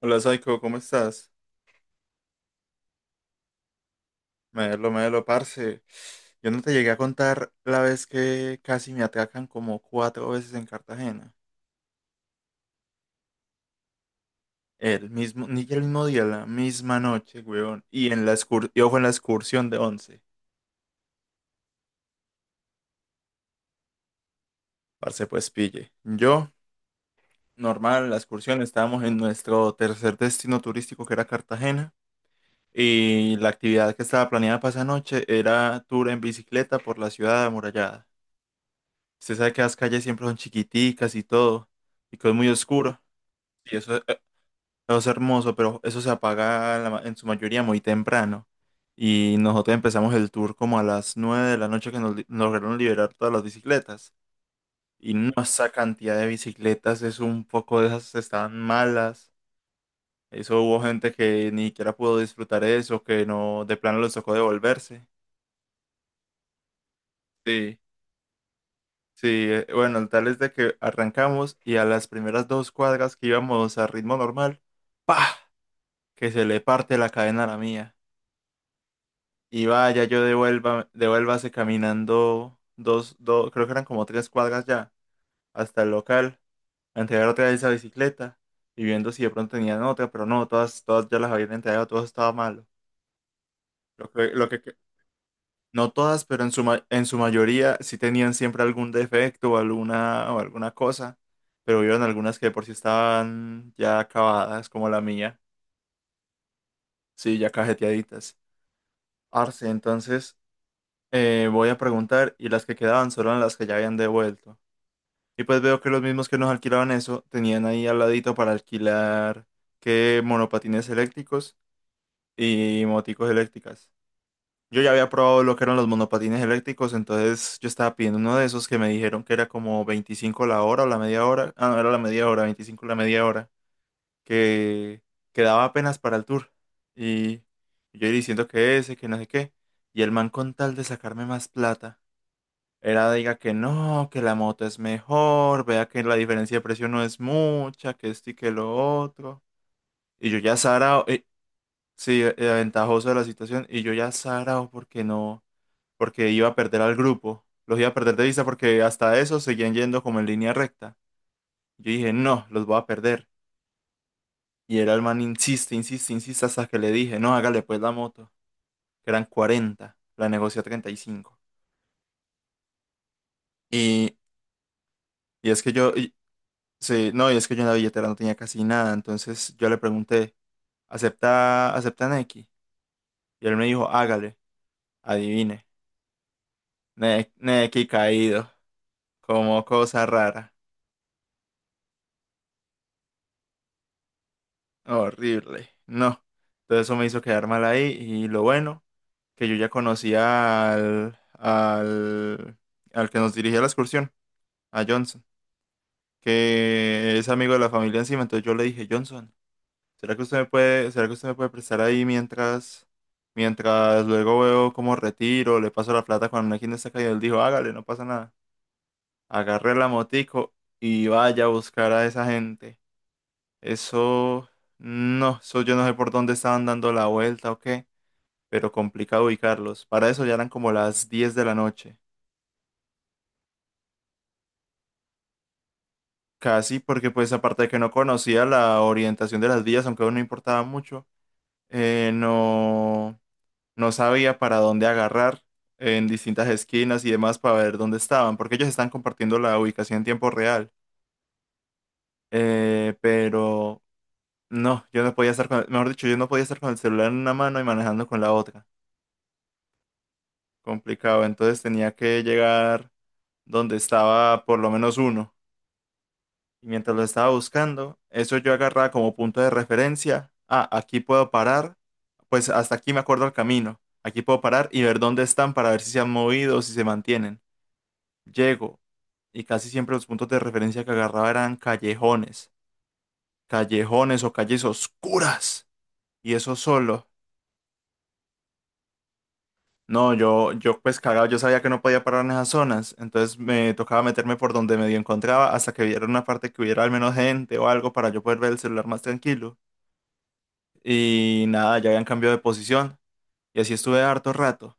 Hola Saiko, ¿cómo estás? Melo, melo, parce. Yo no te llegué a contar la vez que casi me atacan como cuatro veces en Cartagena. El mismo, ni el mismo día, la misma noche, weón. Y en la yo fue en la excursión de 11. Parce, pues pille. Yo, normal, en la excursión estábamos en nuestro tercer destino turístico que era Cartagena. Y la actividad que estaba planeada para esa noche era tour en bicicleta por la ciudad amurallada. Usted sabe que las calles siempre son chiquiticas y todo, y que es muy oscuro. Y eso, eso es hermoso, pero eso se apaga en la en su mayoría muy temprano. Y nosotros empezamos el tour como a las 9 de la noche que nos, nos lograron liberar todas las bicicletas. Y no, esa cantidad de bicicletas es un poco de esas estaban malas. Eso hubo gente que ni siquiera pudo disfrutar eso, que no, de plano les tocó devolverse. Sí. Sí, bueno, el tal es de que arrancamos y a las primeras dos cuadras que íbamos a ritmo normal, ¡pah! Que se le parte la cadena a la mía. Y vaya, yo devuelva, devuélvase caminando dos, dos, creo que eran como tres cuadras ya, hasta el local, a entregar otra vez esa bicicleta y viendo si de pronto tenían otra, pero no, todas, todas ya las habían entregado, todo estaba malo. Lo que, lo que, No todas, pero en su, en su mayoría sí tenían siempre algún defecto o alguna cosa, pero hubieron algunas que de por sí estaban ya acabadas, como la mía, sí, ya cajeteaditas. Arce, entonces voy a preguntar y las que quedaban solo eran las que ya habían devuelto. Y pues veo que los mismos que nos alquilaban eso tenían ahí al ladito para alquilar que monopatines eléctricos y moticos eléctricas. Yo ya había probado lo que eran los monopatines eléctricos, entonces yo estaba pidiendo uno de esos que me dijeron que era como 25 la hora o la media hora. Ah, no, era la media hora, 25 la media hora, que quedaba apenas para el tour. Y yo diciendo que ese, que no sé qué. Y el man con tal de sacarme más plata, era diga que no, que la moto es mejor, vea que la diferencia de precio no es mucha, que esto y que lo otro. Y yo ya sarao, sí, ventajoso de la situación, y yo ya sarao porque no porque iba a perder al grupo. Los iba a perder de vista porque hasta eso seguían yendo como en línea recta. Yo dije, no, los voy a perder. Y era el man insiste, insiste, insiste hasta que le dije, no, hágale pues la moto, que eran 40, la negocié a 35. Y, cinco. Y es que sí, no, y es que yo en la billetera no tenía casi nada, entonces yo le pregunté, ¿Acepta Nequi? Y él me dijo, hágale, adivine, Nequi caído, como cosa rara. Horrible. No. Entonces eso me hizo quedar mal ahí y lo bueno, que yo ya conocía al que nos dirigía la excursión, a Johnson, que es amigo de la familia encima. Entonces yo le dije, Johnson, ¿será que usted me puede, será que usted me puede prestar ahí mientras, mientras luego veo cómo retiro, le paso la plata cuando alguien está caído? Él dijo, hágale, no pasa nada. Agarré la motico y vaya a buscar a esa gente. Eso, no, eso yo no sé por dónde estaban dando la vuelta o qué, pero complicado ubicarlos. Para eso ya eran como las 10 de la noche. Casi porque pues aparte de que no conocía la orientación de las vías, aunque aún no importaba mucho, no, no sabía para dónde agarrar en distintas esquinas y demás para ver dónde estaban, porque ellos están compartiendo la ubicación en tiempo real. Pero no, yo no podía estar con, mejor dicho, yo no podía estar con el celular en una mano y manejando con la otra. Complicado. Entonces tenía que llegar donde estaba por lo menos uno. Y mientras lo estaba buscando, eso yo agarraba como punto de referencia. Ah, aquí puedo parar. Pues hasta aquí me acuerdo el camino. Aquí puedo parar y ver dónde están para ver si se han movido o si se mantienen. Llego y casi siempre los puntos de referencia que agarraba eran callejones, callejones o calles oscuras. Y eso solo. No, yo pues cagado, yo sabía que no podía parar en esas zonas, entonces me tocaba meterme por donde medio encontraba hasta que hubiera una parte que hubiera al menos gente o algo para yo poder ver el celular más tranquilo. Y nada, ya habían cambiado de posición y así estuve harto rato,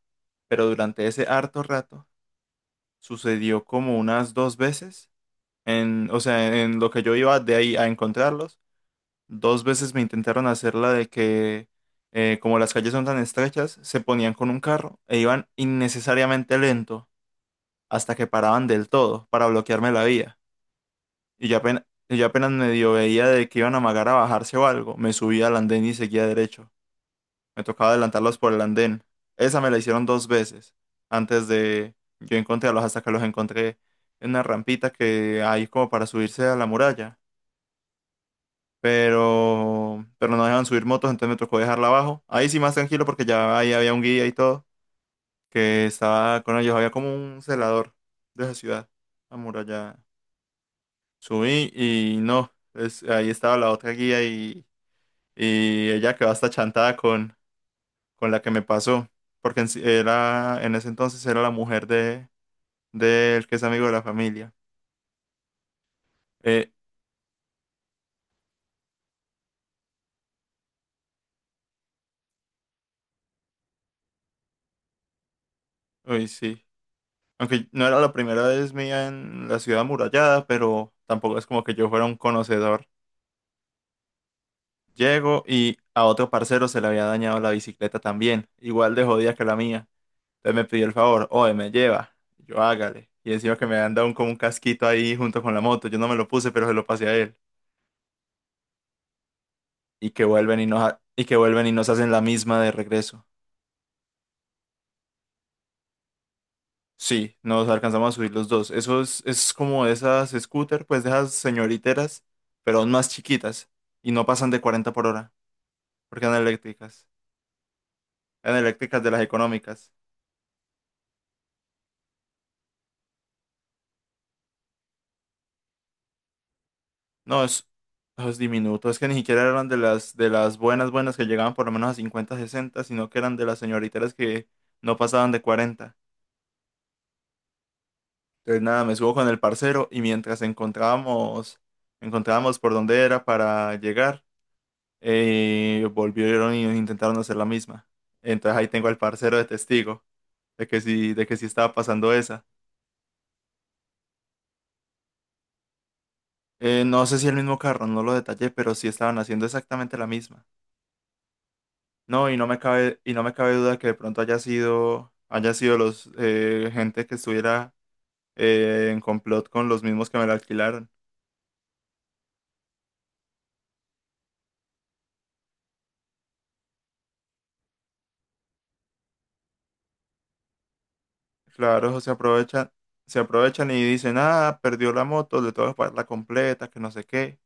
pero durante ese harto rato sucedió como unas dos veces, en, o sea, en lo que yo iba de ahí a encontrarlos, dos veces me intentaron hacer la de que como las calles son tan estrechas, se ponían con un carro e iban innecesariamente lento, hasta que paraban del todo para bloquearme la vía. Y yo apenas medio veía de que iban a amagar a bajarse o algo. Me subía al andén y seguía derecho. Me tocaba adelantarlos por el andén. Esa me la hicieron dos veces antes de yo encontrarlos, hasta que los encontré en una rampita que hay como para subirse a la muralla. Pero no dejaban subir motos, entonces me tocó dejarla abajo. Ahí sí más tranquilo porque ya ahí había un guía y todo, que estaba con ellos, había como un celador de esa ciudad amurallada. Subí y no, es, ahí estaba la otra guía y ella quedó hasta chantada con la que me pasó, porque en, era, en ese entonces era la mujer de, del que es amigo de la familia. Eh, uy, sí. Aunque no era la primera vez mía en la ciudad amurallada, pero tampoco es como que yo fuera un conocedor. Llego y a otro parcero se le había dañado la bicicleta también, igual de jodida que la mía. Entonces me pidió el favor, oye, me lleva, yo hágale. Y encima que me han dado un, como un casquito ahí junto con la moto, yo no me lo puse, pero se lo pasé a él. Y que vuelven y y que vuelven y nos hacen la misma de regreso. Sí, nos alcanzamos a subir los dos. Es como esas scooter, pues de esas señoriteras, pero aún más chiquitas. Y no pasan de 40 por hora, porque eran eléctricas. Eran eléctricas de las económicas. No, es, no, es diminuto. Es que ni siquiera eran de de las buenas, buenas que llegaban por lo menos a 50 60, sino que eran de las señoriteras que no pasaban de 40. Entonces nada, me subo con el parcero y mientras encontrábamos, encontrábamos por dónde era para llegar, volvieron y intentaron hacer la misma. Entonces ahí tengo al parcero de testigo de que sí estaba pasando esa. No sé si el mismo carro, no lo detallé, pero sí estaban haciendo exactamente la misma. No, y no me cabe duda que de pronto haya sido los gente que estuviera en complot con los mismos que me la alquilaron. Claro, se aprovechan y dicen, ah, perdió la moto, le tengo que pagar la completa, que no sé qué.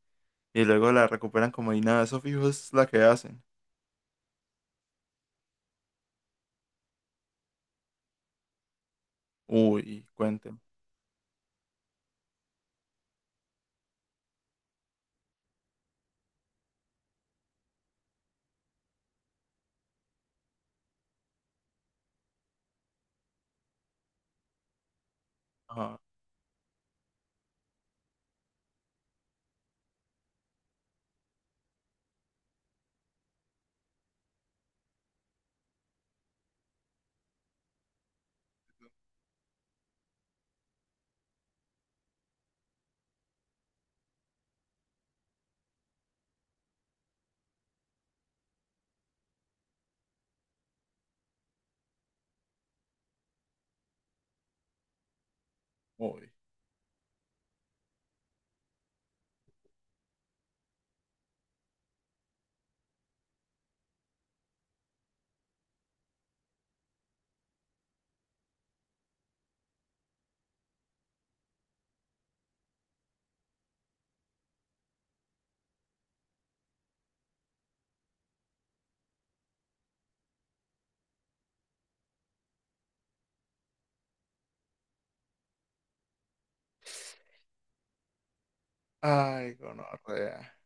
Y luego la recuperan como y nada, eso fijo es la que hacen. Uy, cuénteme. Ajá, uy. Ay, gonorrea.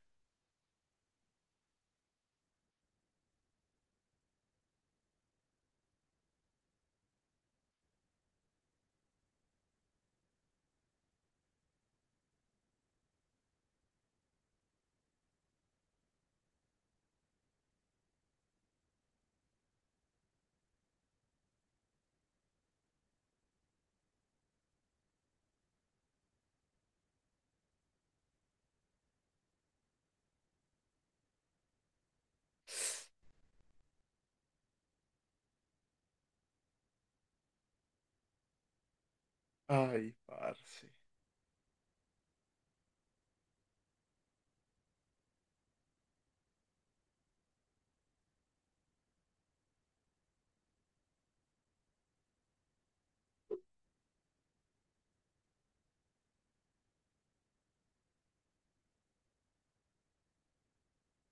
Ay, parce.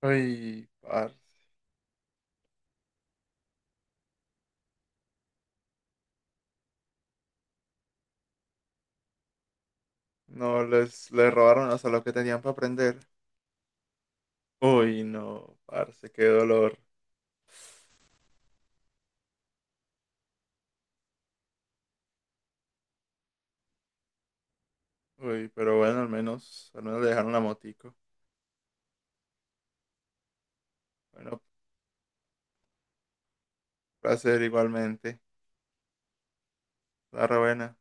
Ay, parce. No, les robaron hasta lo que tenían para aprender. Uy, no, parce, qué dolor. Uy, pero bueno, al menos le dejaron la motico. Bueno, placer igualmente. La buena.